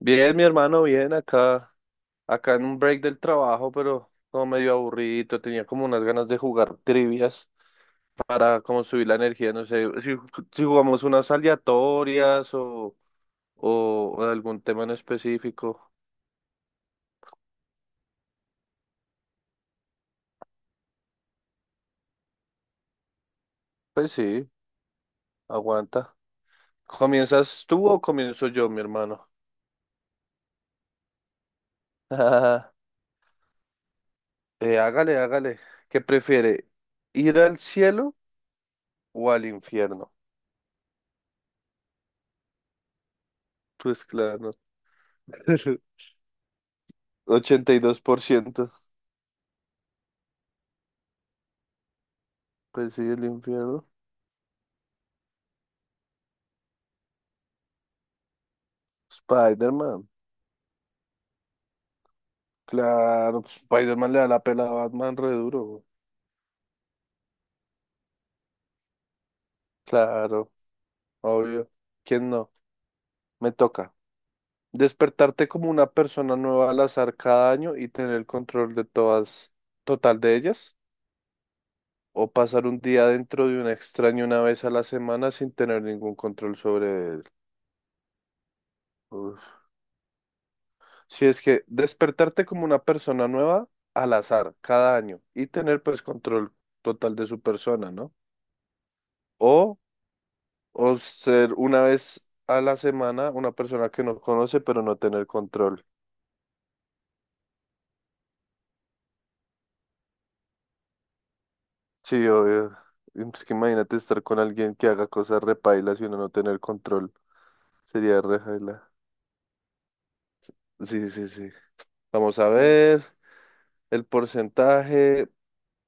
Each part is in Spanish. Bien, mi hermano, bien acá, acá en un break del trabajo, pero como medio aburrido, tenía como unas ganas de jugar trivias para como subir la energía, no sé, si jugamos unas aleatorias o algún tema en específico, pues sí, aguanta. ¿Comienzas tú o comienzo yo, mi hermano? Hágale, hágale. ¿Qué prefiere? ¿Ir al cielo o al infierno? Pues claro. 82%. Pues sí, el infierno. Spider-Man, claro, pues, Spider-Man le da la pela a Batman re duro, güey. Claro, obvio. ¿Quién no? Me toca. Despertarte como una persona nueva al azar cada año y tener el control de todas, total de ellas, o pasar un día dentro de un extraño una vez a la semana sin tener ningún control sobre él. Uf. Si es que despertarte como una persona nueva al azar cada año y tener pues control total de su persona, ¿no? O O ser una vez a la semana una persona que no conoce, pero no tener control. Sí, obvio. Y pues que imagínate estar con alguien que haga cosas repailas y uno no tener control. Sería rejaila. Sí, sí, sí. Vamos a ver. El porcentaje,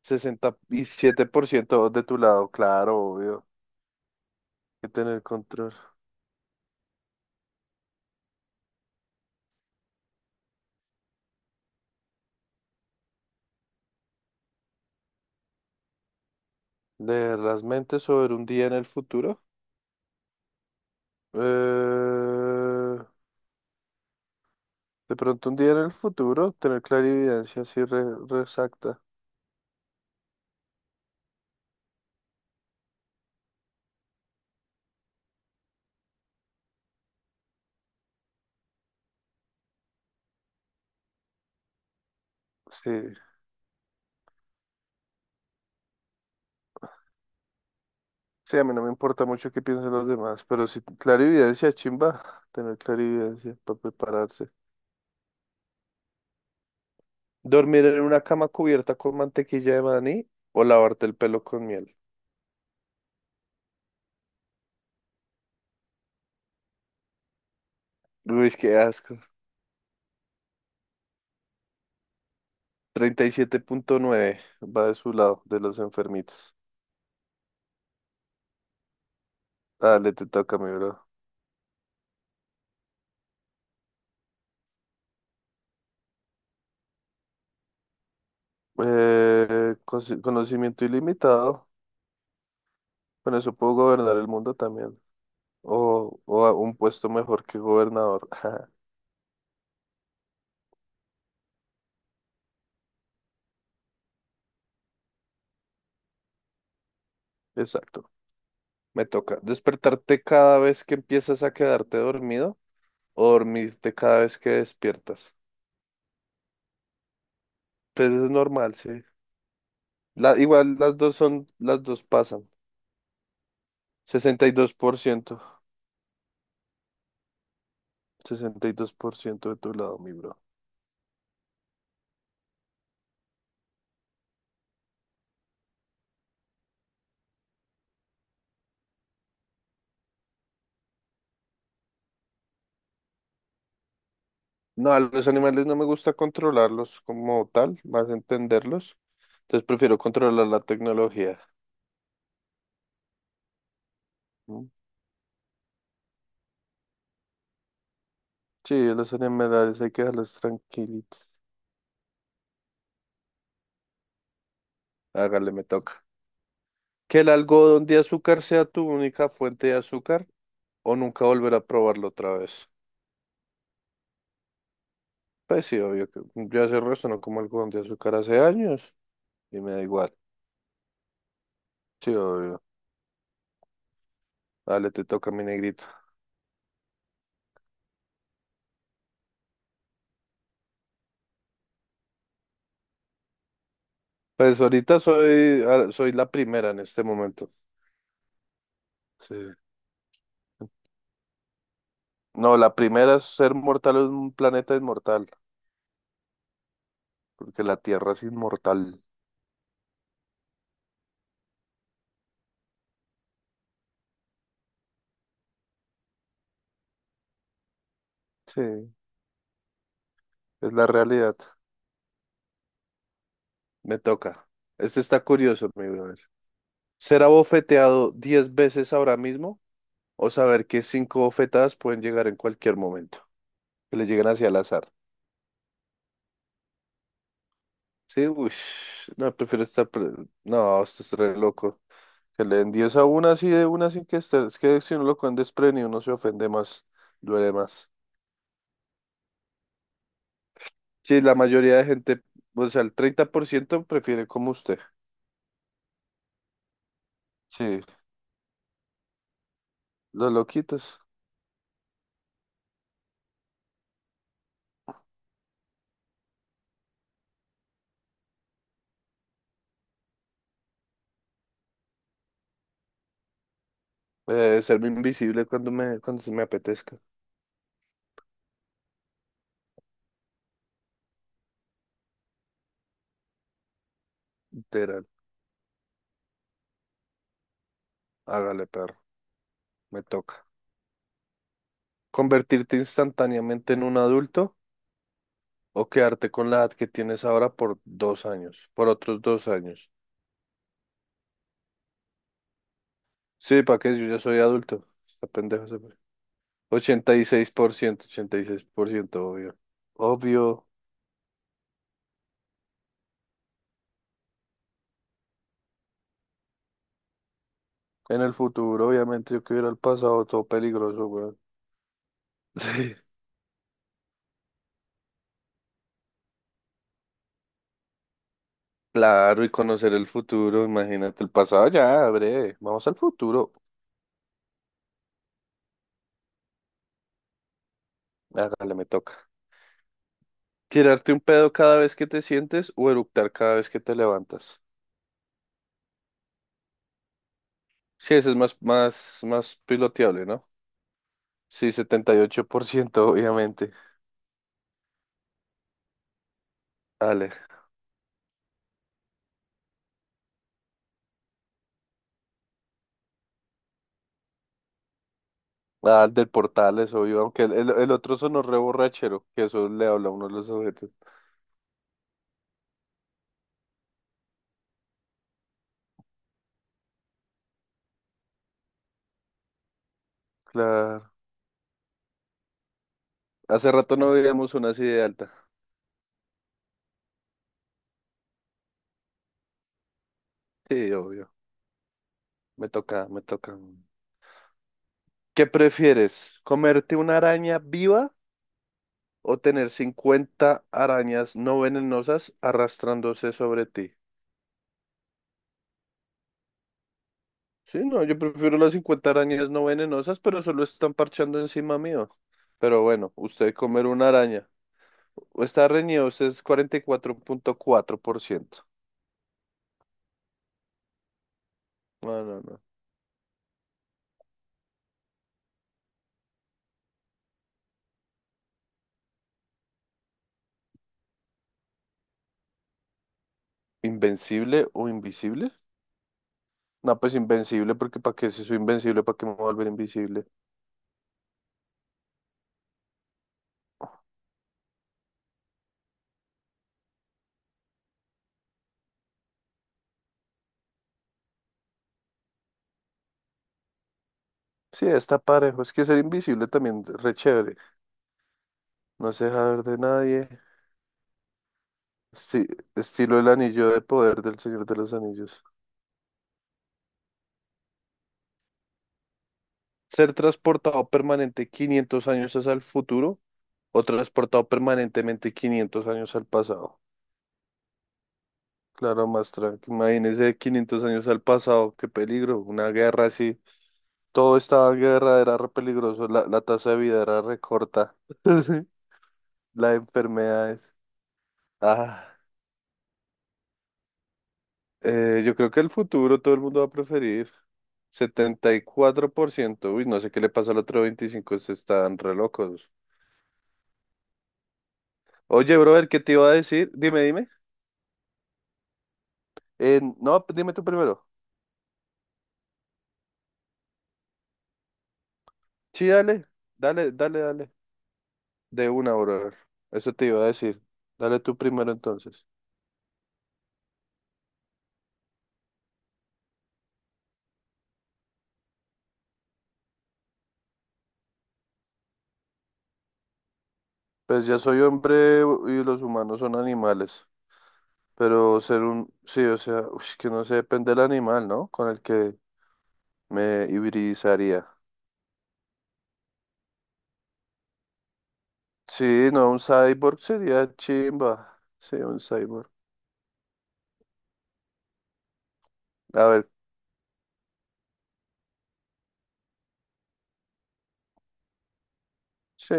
67% de tu lado, claro, obvio. Hay que tener control. Leer las mentes sobre un día en el futuro. Eh, de pronto un día en el futuro, tener clarividencia así re exacta. Sí, sí, a mí no me importa mucho qué piensen los demás, pero sí, clarividencia, chimba, tener clarividencia para prepararse. Dormir en una cama cubierta con mantequilla de maní o lavarte el pelo con miel. Uy, qué asco. 37,9 va de su lado, de los enfermitos. Dale, te toca, mi bro. Conocimiento ilimitado. Con eso puedo gobernar el mundo también. O a un puesto mejor que gobernador. Exacto. Me toca despertarte cada vez que empiezas a quedarte dormido o dormirte cada vez que despiertas. Pues es normal, sí. Igual las dos son, las dos pasan. sesenta sesenta y y dos dos por ciento 62% de tu lado, mi bro. No, a los animales no me gusta controlarlos como tal, más entenderlos. Entonces prefiero controlar la tecnología. ¿Mm? Sí, a los animales hay que dejarlos tranquilitos. Hágale, me toca. Que el algodón de azúcar sea tu única fuente de azúcar o nunca volver a probarlo otra vez. Pues sí, obvio que yo hace el resto no como el con de azúcar hace años y me da igual. Sí, obvio. Dale, te toca mi negrito. Pues ahorita soy la primera en este momento. Sí. No, la primera es ser mortal en un planeta inmortal, porque la Tierra es inmortal. Sí, es la realidad. Me toca. Este está curioso, mi brother. ¿Ser abofeteado 10 veces ahora mismo o saber que cinco bofetadas pueden llegar en cualquier momento? Que le lleguen hacia el azar. Sí, uy, no, no, esto es re loco. Que le den 10 a una así de una sin que esté. Es que si uno lo cogen desprevenido uno se ofende más, duele más. Sí, la mayoría de gente, o sea, el 30% prefiere como usted. Sí, los loquitos. Serme invisible cuando se me apetezca. Literal. Hágale, perro. Me toca. ¿Convertirte instantáneamente en un adulto o quedarte con la edad que tienes ahora por 2 años? Por otros 2 años. Sí, ¿para qué? Yo ya soy adulto. Está pendejo ese güey. 86%, 86%, obvio. Obvio. En el futuro, obviamente, yo que hubiera el pasado, todo peligroso, weón. Sí. Claro, y conocer el futuro, imagínate el pasado, ya, breve. Vamos al futuro. Hágale, me toca. ¿Tirarte un pedo cada vez que te sientes o eructar cada vez que te levantas? Sí, ese es más, más, más piloteable, ¿no? Sí, 78%, obviamente. Dale. Ah, el del portal, eso obvio, aunque el otro sonó re borrachero, que eso le habla a uno de los objetos. Claro. Hace rato no veíamos una así de alta. Sí, obvio. Me toca, me toca. ¿Qué prefieres? ¿Comerte una araña viva o tener 50 arañas no venenosas arrastrándose sobre ti? Sí, no, yo prefiero las 50 arañas no venenosas, pero solo están parchando encima mío. Pero bueno, usted comer una araña. Está reñido, usted es cuarenta y cuatro punto cuatro por ciento. No, no, no. ¿Invencible o invisible? No, pues invencible, porque ¿para qué? Si soy invencible, ¿para qué me voy a volver invisible? Sí, está parejo. Es que ser invisible también re chévere. No se deja ver de nadie. Esti- estilo el anillo de poder del Señor de los Anillos. Ser transportado permanente 500 años hacia el futuro o transportado permanentemente 500 años al pasado. Claro, más tranqui. Imagínese 500 años al pasado. Qué peligro. Una guerra así. Todo estaba en guerra, era re peligroso, la tasa de vida era re corta. Sí. Las enfermedades. Ah, yo creo que el futuro todo el mundo va a preferir. 74%. Uy, no sé qué le pasa al otro 25%, están re locos. Oye, brother, ¿qué te iba a decir? Dime, dime. No, pues dime tú primero. Sí, dale, dale, dale, dale. De una, brother. Eso te iba a decir. Dale tú primero entonces. Pues ya soy hombre y los humanos son animales. Pero ser un, sí, o sea, ush, que no sé, depende del animal, ¿no? Con el que me hibridizaría. Sí, no, un cyborg sería chimba. Sí, un cyborg. A ver, sí.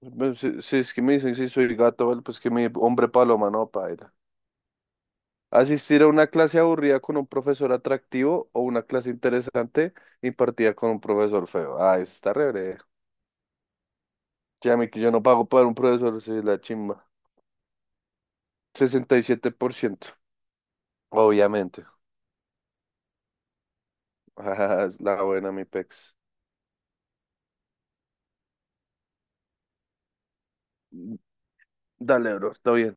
Bueno, si, si es que me dicen si soy gato, vale, pues que mi hombre paloma, no, paila. Asistir a una clase aburrida con un profesor atractivo o una clase interesante impartida con un profesor feo. Ah, eso está re breve. Ya, mi que yo no pago para un profesor, sí, la chimba. 67%, obviamente. Ah, es la buena, mi pex. Dale, bro, está bien.